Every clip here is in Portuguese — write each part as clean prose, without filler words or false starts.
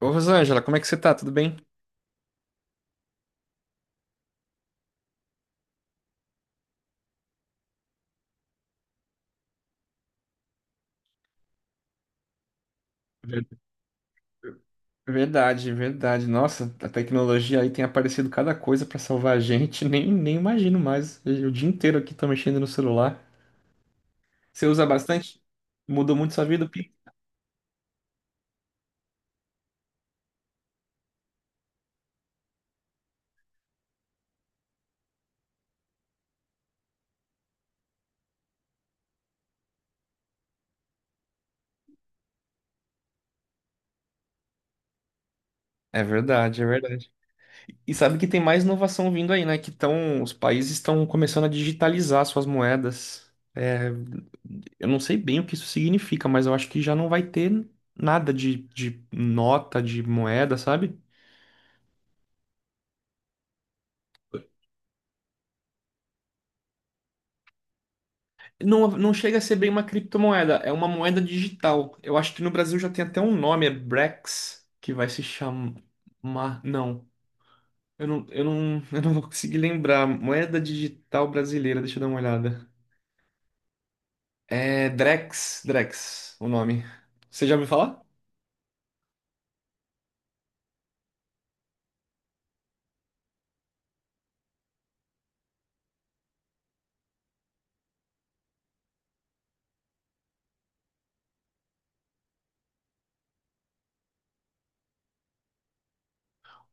Ô, Rosângela, como é que você tá? Tudo bem? Ver- Verdade, verdade. Nossa, a tecnologia aí tem aparecido cada coisa pra salvar a gente. Nem imagino mais. O dia inteiro aqui tô mexendo no celular. Você usa bastante? Mudou muito sua vida, Pi? É verdade, é verdade. E sabe que tem mais inovação vindo aí, né? Os países estão começando a digitalizar suas moedas. É, eu não sei bem o que isso significa, mas eu acho que já não vai ter nada de nota, de moeda, sabe? Não, não chega a ser bem uma criptomoeda, é uma moeda digital. Eu acho que no Brasil já tem até um nome, é Brex, que vai se chamar. Não, eu não, eu não, eu não vou conseguir lembrar. Moeda digital brasileira, deixa eu dar uma olhada. É Drex, Drex, o nome. Você já ouviu falar?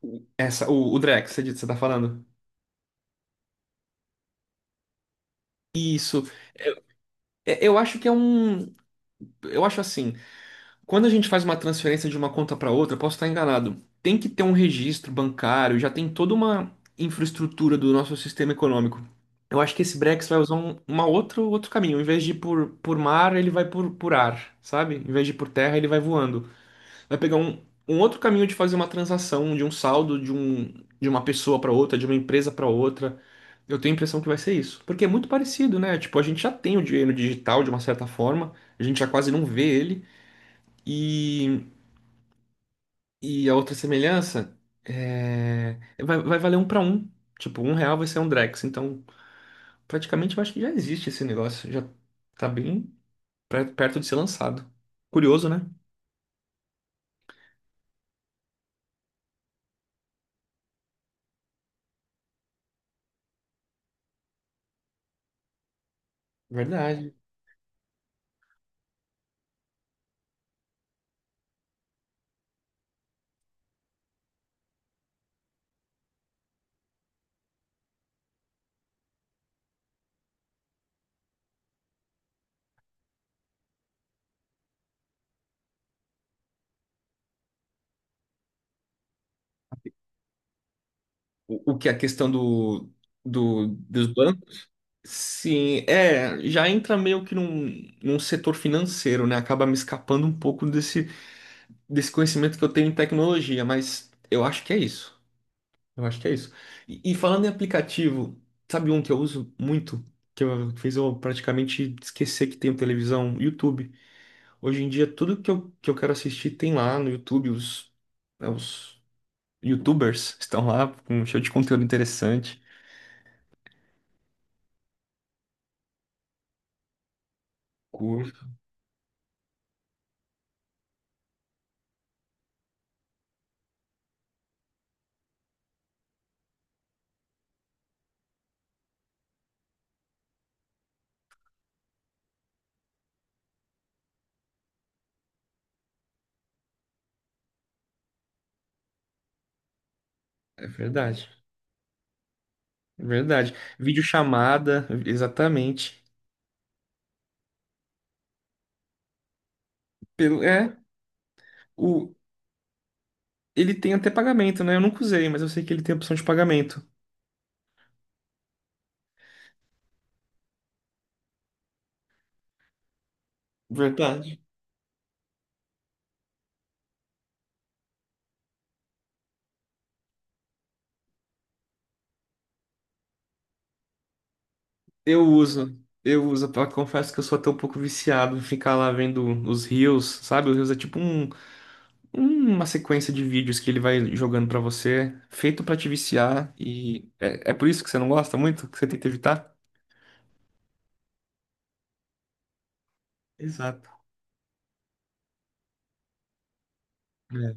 O Drex, você disse, você tá falando? É, eu acho que é um. Eu acho assim. Quando a gente faz uma transferência de uma conta para outra, posso estar enganado. Tem que ter um registro bancário, já tem toda uma infraestrutura do nosso sistema econômico. Eu acho que esse Brex vai usar outro caminho. Em vez de ir por mar, ele vai por ar, sabe? Em vez de ir por terra, ele vai voando. Vai pegar um outro caminho de fazer uma transação, de um saldo de uma pessoa para outra, de uma empresa para outra. Eu tenho a impressão que vai ser isso. Porque é muito parecido, né? Tipo, a gente já tem o dinheiro digital de uma certa forma, a gente já quase não vê ele. E. E a outra semelhança é vai valer um para um. Tipo, um real vai ser um Drex. Então, praticamente eu acho que já existe esse negócio. Já tá bem perto de ser lançado. Curioso, né? Verdade. O que é a questão dos bancos? Sim, é, já entra meio que num setor financeiro, né? Acaba me escapando um pouco desse conhecimento que eu tenho em tecnologia, mas eu acho que é isso. Eu acho que é isso. E falando em aplicativo, sabe um que eu uso muito, fez eu praticamente esquecer que tenho televisão? YouTube. Hoje em dia, tudo que eu quero assistir tem lá no YouTube. Né, os YouTubers estão lá com um show de conteúdo interessante. Curto. É verdade. É verdade. Videochamada, exatamente. Pelo, é, o, Ele tem até pagamento, né? Eu nunca usei, mas eu sei que ele tem opção de pagamento. Verdade. Eu uso, Confesso que eu sou até um pouco viciado em ficar lá vendo os reels, sabe? Os reels é tipo um, uma sequência de vídeos que ele vai jogando pra você, feito pra te viciar, e é por isso que você não gosta muito, que você tenta evitar? Exato. É,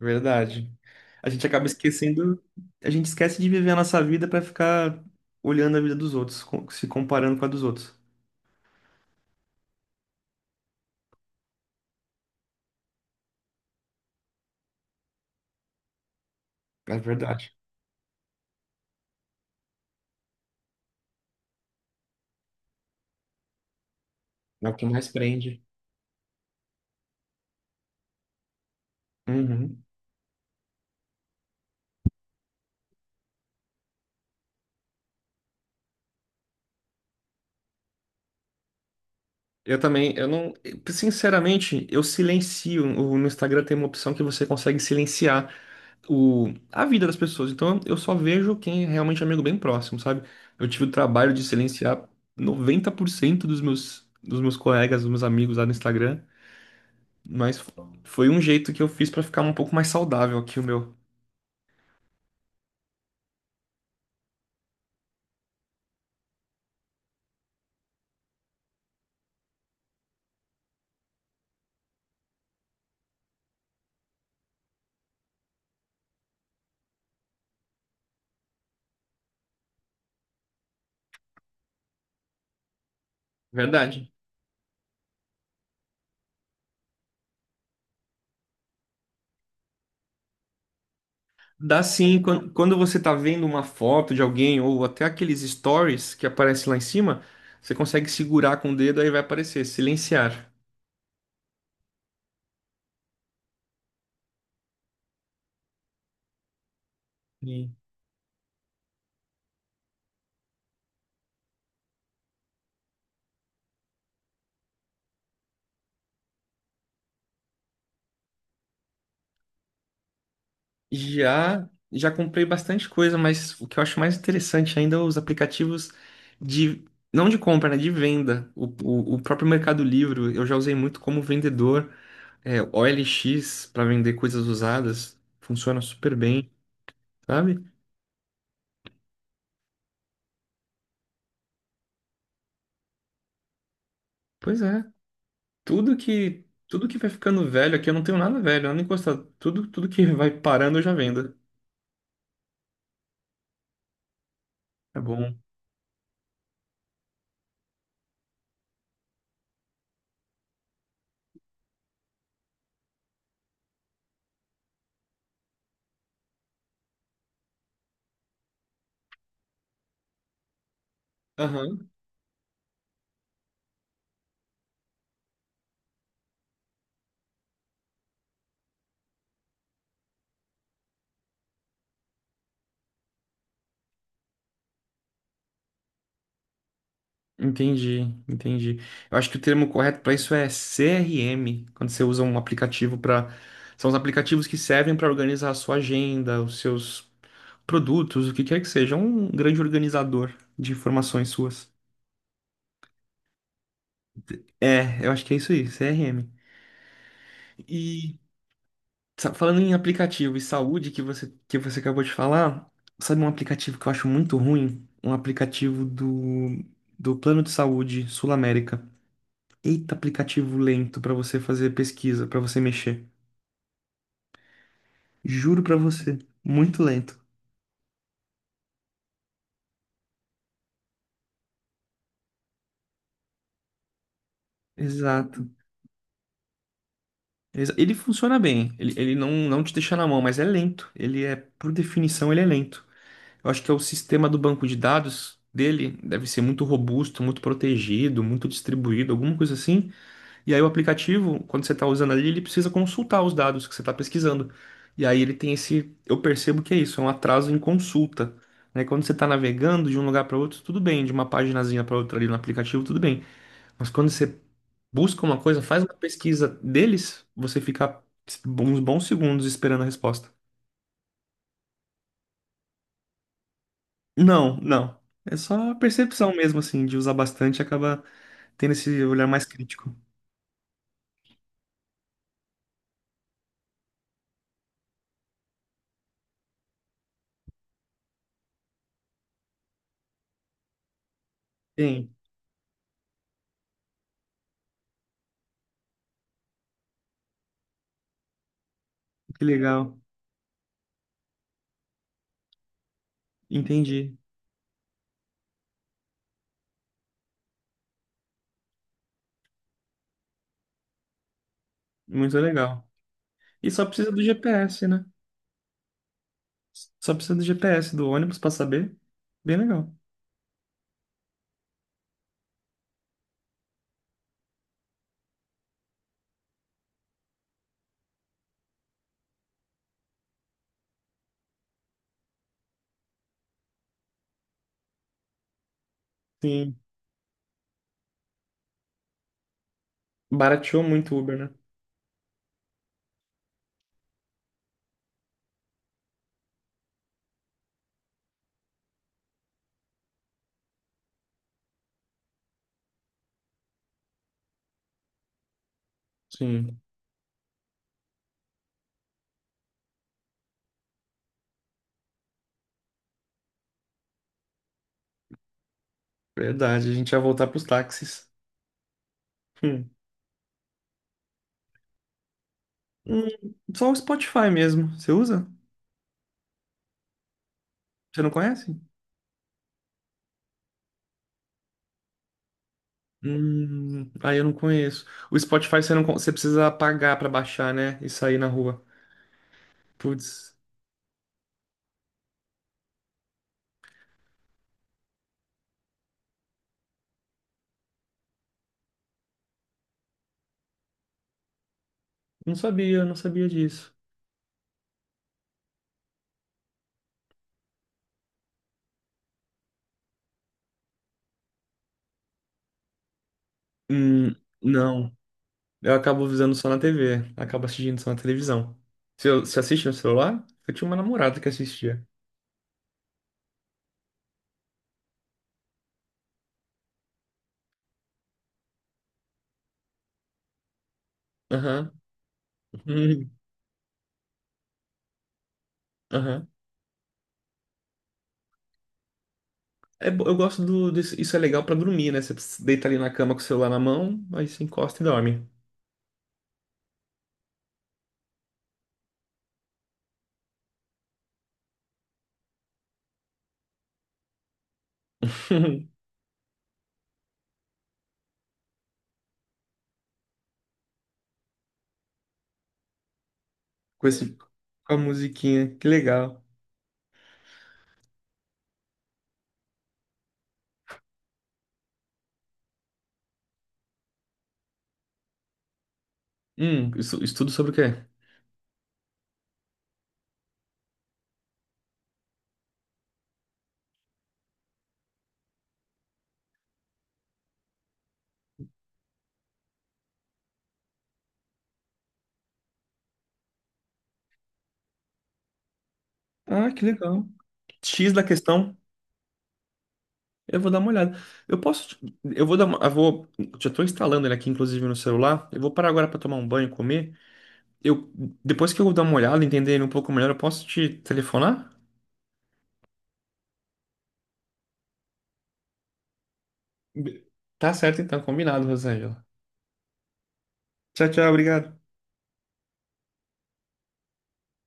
verdade. A gente acaba esquecendo, a gente esquece de viver a nossa vida pra ficar olhando a vida dos outros, se comparando com a dos outros. É verdade. É o que mais prende. Uhum. Eu também, eu não, sinceramente, eu silencio. No Instagram tem uma opção que você consegue silenciar a vida das pessoas. Então eu só vejo quem é realmente amigo bem próximo, sabe? Eu tive o trabalho de silenciar 90% dos meus colegas, dos meus amigos lá no Instagram, mas foi um jeito que eu fiz pra ficar um pouco mais saudável aqui o meu. Verdade. Dá sim, quando você tá vendo uma foto de alguém ou até aqueles stories que aparecem lá em cima, você consegue segurar com o dedo, aí vai aparecer, silenciar. Sim. Já comprei bastante coisa, mas o que eu acho mais interessante ainda é os aplicativos de, não de compra, né, de venda. O próprio Mercado Livre, eu já usei muito como vendedor, é, OLX para vender coisas usadas, funciona super bem, sabe? Pois é. Tudo que vai ficando velho aqui, eu não tenho nada velho, nada encostado. Tudo que vai parando eu já vendo. É bom. Aham. Entendi, entendi. Eu acho que o termo correto para isso é CRM, quando você usa um aplicativo para. São os aplicativos que servem para organizar a sua agenda, os seus produtos, o que quer que seja. Um grande organizador de informações suas. É, eu acho que é isso aí, CRM. Falando em aplicativo e saúde que você acabou de falar, sabe um aplicativo que eu acho muito ruim? Um aplicativo do Plano de Saúde Sul América. Eita, aplicativo lento pra você fazer pesquisa, pra você mexer. Juro pra você, muito lento. Exato. Ele funciona bem, ele não te deixa na mão, mas é lento. Ele é, por definição, ele é lento. Eu acho que é o sistema do banco de dados dele deve ser muito robusto, muito protegido, muito distribuído, alguma coisa assim. E aí o aplicativo, quando você está usando ali, ele precisa consultar os dados que você está pesquisando. E aí ele tem esse, eu percebo que é isso, é um atraso em consulta. Né? Quando você está navegando de um lugar para outro, tudo bem, de uma paginazinha para outra ali no aplicativo, tudo bem. Mas quando você busca uma coisa, faz uma pesquisa deles, você fica uns bons segundos esperando a resposta. Não, não. É só a percepção mesmo, assim, de usar bastante, acaba tendo esse olhar mais crítico. Sim, que legal. Entendi. Muito legal. E só precisa do GPS, né? Só precisa do GPS do ônibus pra saber. Bem legal. Sim. Barateou muito o Uber, né? Sim, verdade. A gente ia voltar pros táxis. Hum, Só o Spotify mesmo. Você usa? Você não conhece? Aí eu não conheço. O Spotify você não, con- você precisa pagar pra baixar, né? E sair na rua. Putz, não sabia, não sabia disso. Hum, não. Eu acabo visando só na TV. Acabo assistindo só na televisão. Você assiste no celular? Eu tinha uma namorada que assistia. Aham. Hum, Aham. Eu gosto isso é legal pra dormir, né? Você deita ali na cama com o celular na mão, aí você encosta e dorme. Com esse, com a musiquinha. Que legal. Estudo sobre o quê? Ah, que legal. X da questão, eu vou dar uma olhada. Eu posso, eu vou dar uma, eu vou, Já estou instalando ele aqui, inclusive, no celular. Eu vou parar agora para tomar um banho e comer. Eu, Depois que eu dar uma olhada, entender ele um pouco melhor, eu posso te telefonar? Be- Tá certo, então, combinado, Rosângela. Tchau, tchau. Obrigado.